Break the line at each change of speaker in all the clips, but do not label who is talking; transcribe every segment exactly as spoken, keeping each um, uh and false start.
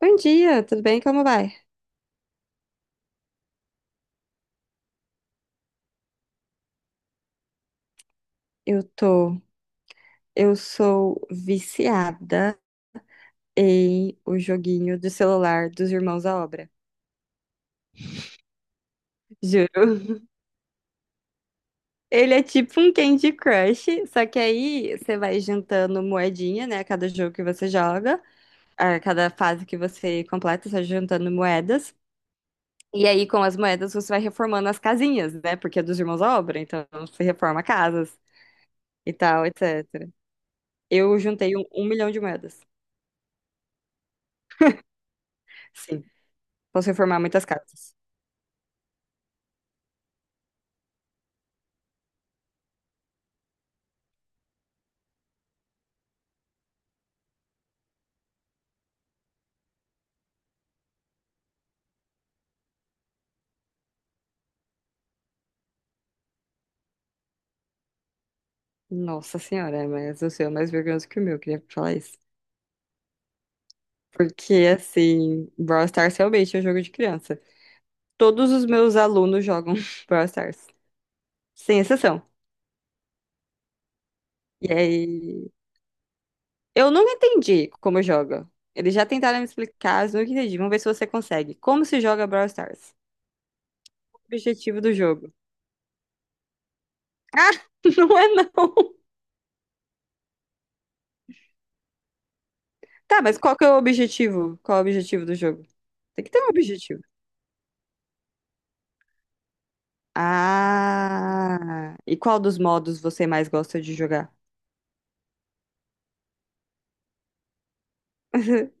Bom dia, tudo bem? Como vai? Eu tô. Eu sou viciada em o joguinho do celular dos Irmãos à Obra. Juro. Ele é tipo um Candy Crush, só que aí você vai juntando moedinha, né? A cada jogo que você joga, a cada fase que você completa, você vai juntando moedas. E aí, com as moedas, você vai reformando as casinhas, né? Porque é dos Irmãos à Obra, então você reforma casas e tal, etcétera. Eu juntei um, um milhão de moedas. Sim, posso reformar muitas casas. Nossa senhora, mas o seu é mais vergonhoso que o meu, queria falar isso. Porque, assim, Brawl Stars realmente é um jogo de criança. Todos os meus alunos jogam Brawl Stars, sem exceção. E aí, eu nunca entendi como joga. Eles já tentaram me explicar, mas eu nunca entendi. Vamos ver se você consegue. Como se joga Brawl Stars? O objetivo do jogo. Ah, não é não. Tá, mas qual que é o objetivo? Qual é o objetivo do jogo? Tem que ter um objetivo. Ah, e qual dos modos você mais gosta de jogar?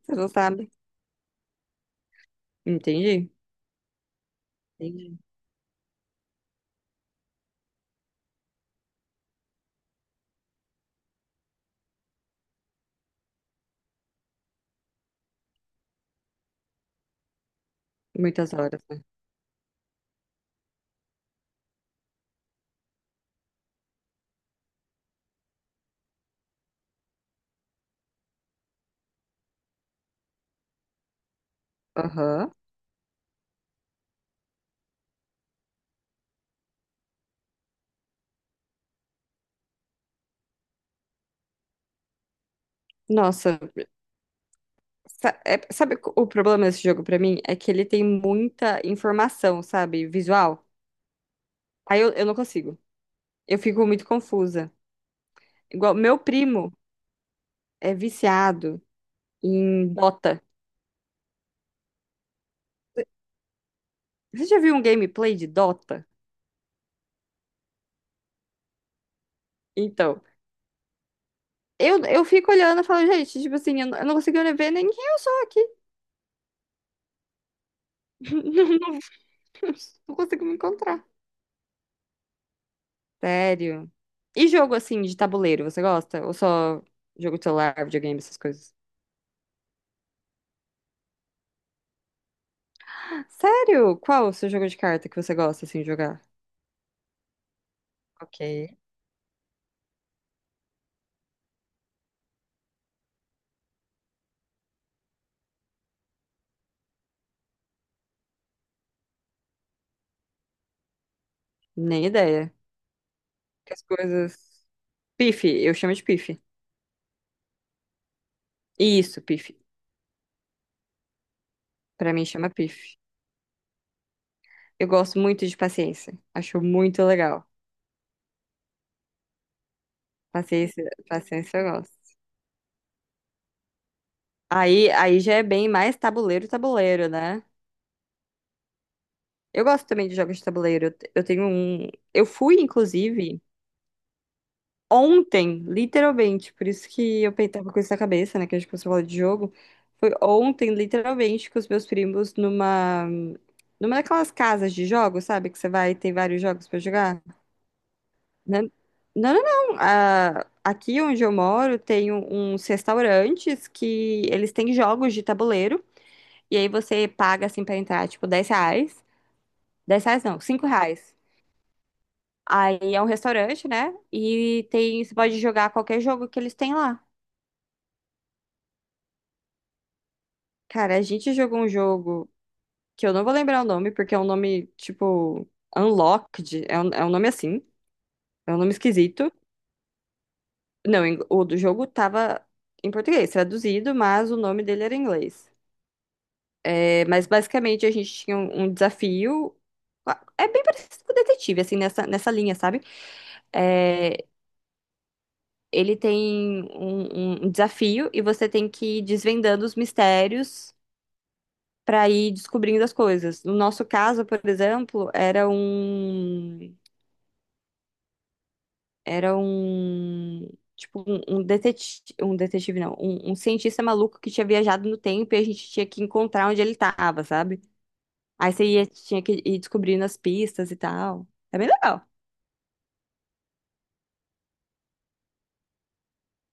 Você não sabe? Entendi. Entendi. Muitas horas, né? Aham. Nossa, sa- é- sabe co- o problema desse jogo pra mim? É que ele tem muita informação, sabe? Visual. Aí eu, eu não consigo. Eu fico muito confusa. Igual, meu primo é viciado em Dota. Você já viu um gameplay de Dota? Então, eu, eu fico olhando e falo, gente, tipo assim, eu, não eu não consigo nem ver nem quem eu sou aqui. Não, não consigo me encontrar. Sério? E jogo assim de tabuleiro, você gosta? Ou só jogo de celular, videogame, essas coisas? Sério? Qual o seu jogo de carta que você gosta assim de jogar? Ok. Nem ideia. Que as coisas. Pife, eu chamo de pife. Isso, pife. Pra mim chama pife. Eu gosto muito de paciência. Acho muito legal. Paciência, paciência eu gosto. Aí, aí já é bem mais tabuleiro, tabuleiro, né? Eu gosto também de jogos de tabuleiro. Eu te- eu tenho um. Eu fui, inclusive. Ontem, literalmente, por isso que eu pe- tava com isso na cabeça, né? Que a gente começou a falar de jogo. Foi ontem, literalmente, com os meus primos numa. Numa daquelas casas de jogos, sabe? Que você vai e tem vários jogos pra jogar. Né? Não, não, não. Ah, aqui onde eu moro tem um- uns restaurantes que eles têm jogos de tabuleiro. E aí você paga, assim, pra entrar, tipo, dez reais. Dez reais não, cinco reais. Aí é um restaurante, né? E tem, você pode jogar qualquer jogo que eles têm lá. Cara, a gente jogou um jogo que eu não vou lembrar o nome, porque é um nome, tipo, Unlocked. É um, é um nome assim. É um nome esquisito. Não, em- o do jogo tava em português, traduzido, mas o nome dele era em inglês. É, mas basicamente a gente tinha um, um desafio. É bem parecido com o detetive, assim, nessa, nessa linha, sabe? É, ele tem um, um um desafio e você tem que ir desvendando os mistérios. Para ir descobrindo as coisas. No nosso caso, por exemplo, era um era um tipo um, um detetive, um detetive não, um, um cientista maluco que tinha viajado no tempo e a gente tinha que encontrar onde ele estava, sabe? Aí você ia, tinha que ir descobrindo as pistas e tal. É bem legal.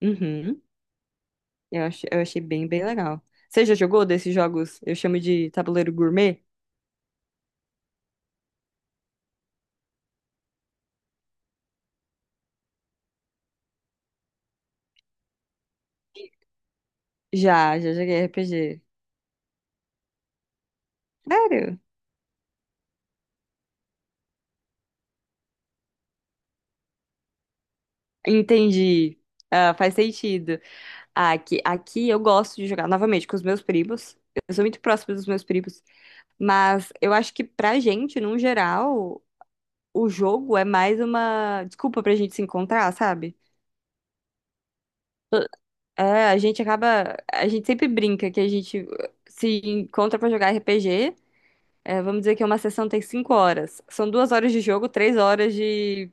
Uhum. Eu achei, eu achei bem, bem legal. Você já jogou desses jogos? Eu chamo de tabuleiro gourmet? Já, já joguei R P G. Sério? Entendi. Ah, faz sentido. Aqui, aqui eu gosto de jogar novamente com os meus primos. Eu sou muito próxima dos meus primos. Mas eu acho que pra gente, num geral, o jogo é mais uma desculpa pra gente se encontrar, sabe? É, a gente acaba. A gente sempre brinca que a gente se encontra pra jogar R P G. É, vamos dizer que uma sessão tem cinco horas. São duas horas de jogo, três horas de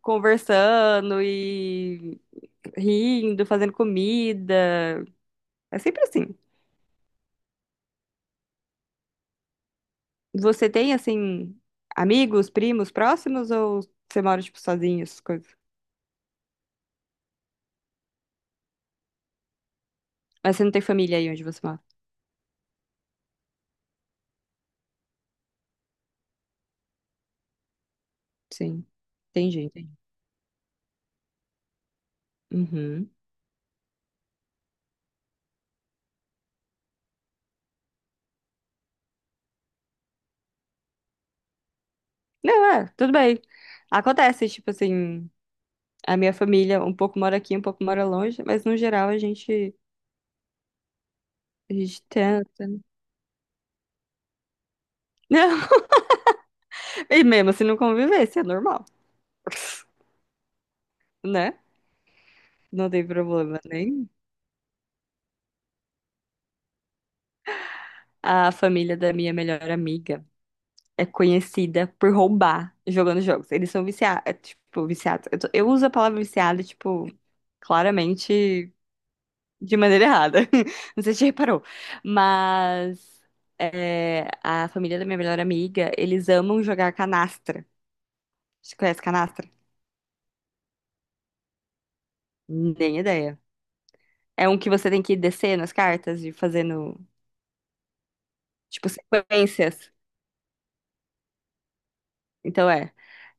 conversando e rindo, fazendo comida. É sempre assim. Você tem, assim, amigos, primos próximos ou você mora, tipo, sozinho, essas coisas? Mas você não tem família aí onde você mora? Sim. Entendi, entendi. Uhum. Não, é, tudo bem. Acontece, tipo assim, a minha família um pouco mora aqui, um pouco mora longe, mas no geral a gente, a gente tenta, né? Não, e mesmo se não convivesse, é normal, né? Não tem problema nem. A família da minha melhor amiga é conhecida por roubar jogando jogos. Eles são viciados, tipo, viciados. Eu, tô- eu uso a palavra viciada tipo, claramente de maneira errada. Não sei se você reparou. Mas é, a família da minha melhor amiga, eles amam jogar canastra. Você conhece canastra? Nem ideia. É um que você tem que descer nas cartas e fazendo, tipo, sequências. Então é.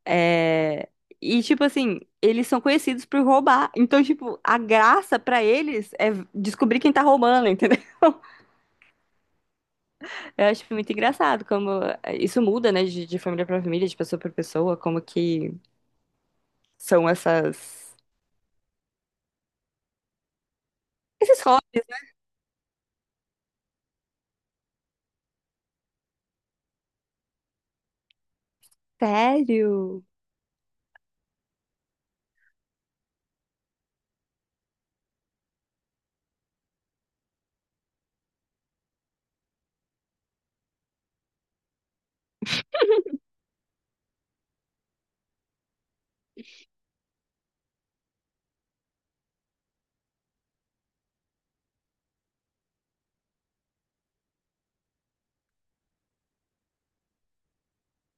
É, e, tipo assim, eles são conhecidos por roubar. Então, tipo, a graça pra eles é descobrir quem tá roubando, entendeu? Eu acho muito engraçado como é, isso muda, né, de, de família pra família, de pessoa pra pessoa, como que são essas... esses hobbies, né? Sério?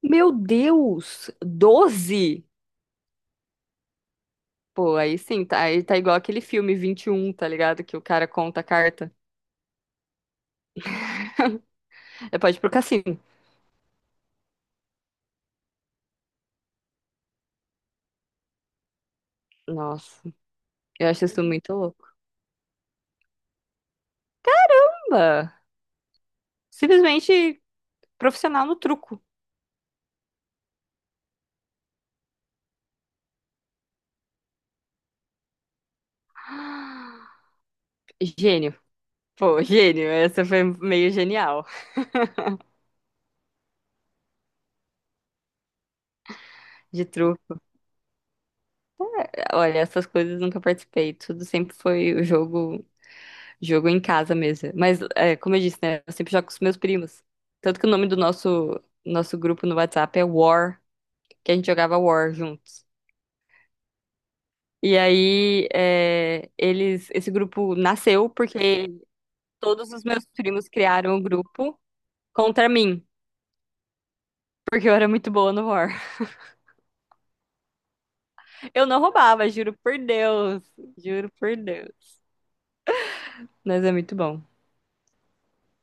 Meu Deus! Doze. Pô, aí sim, tá, aí tá igual aquele filme vinte e um, tá ligado? Que o cara conta a carta. É, pode ir pro cassino. Nossa, eu acho isso muito louco. Caramba! Simplesmente. Profissional no truco. Gênio. Pô, gênio, essa foi meio genial de truco. Olha, essas coisas nunca participei, tudo sempre foi o jogo, jogo em casa mesmo. Mas, é, como eu disse, né, eu sempre jogo com os meus primos. Tanto que o nome do nosso, nosso grupo no WhatsApp é War, que a gente jogava War juntos. E aí, é, eles, esse grupo nasceu porque todos os meus primos criaram o grupo contra mim, porque eu era muito boa no War. Eu não roubava, juro por Deus. Juro por Deus. Mas é muito bom.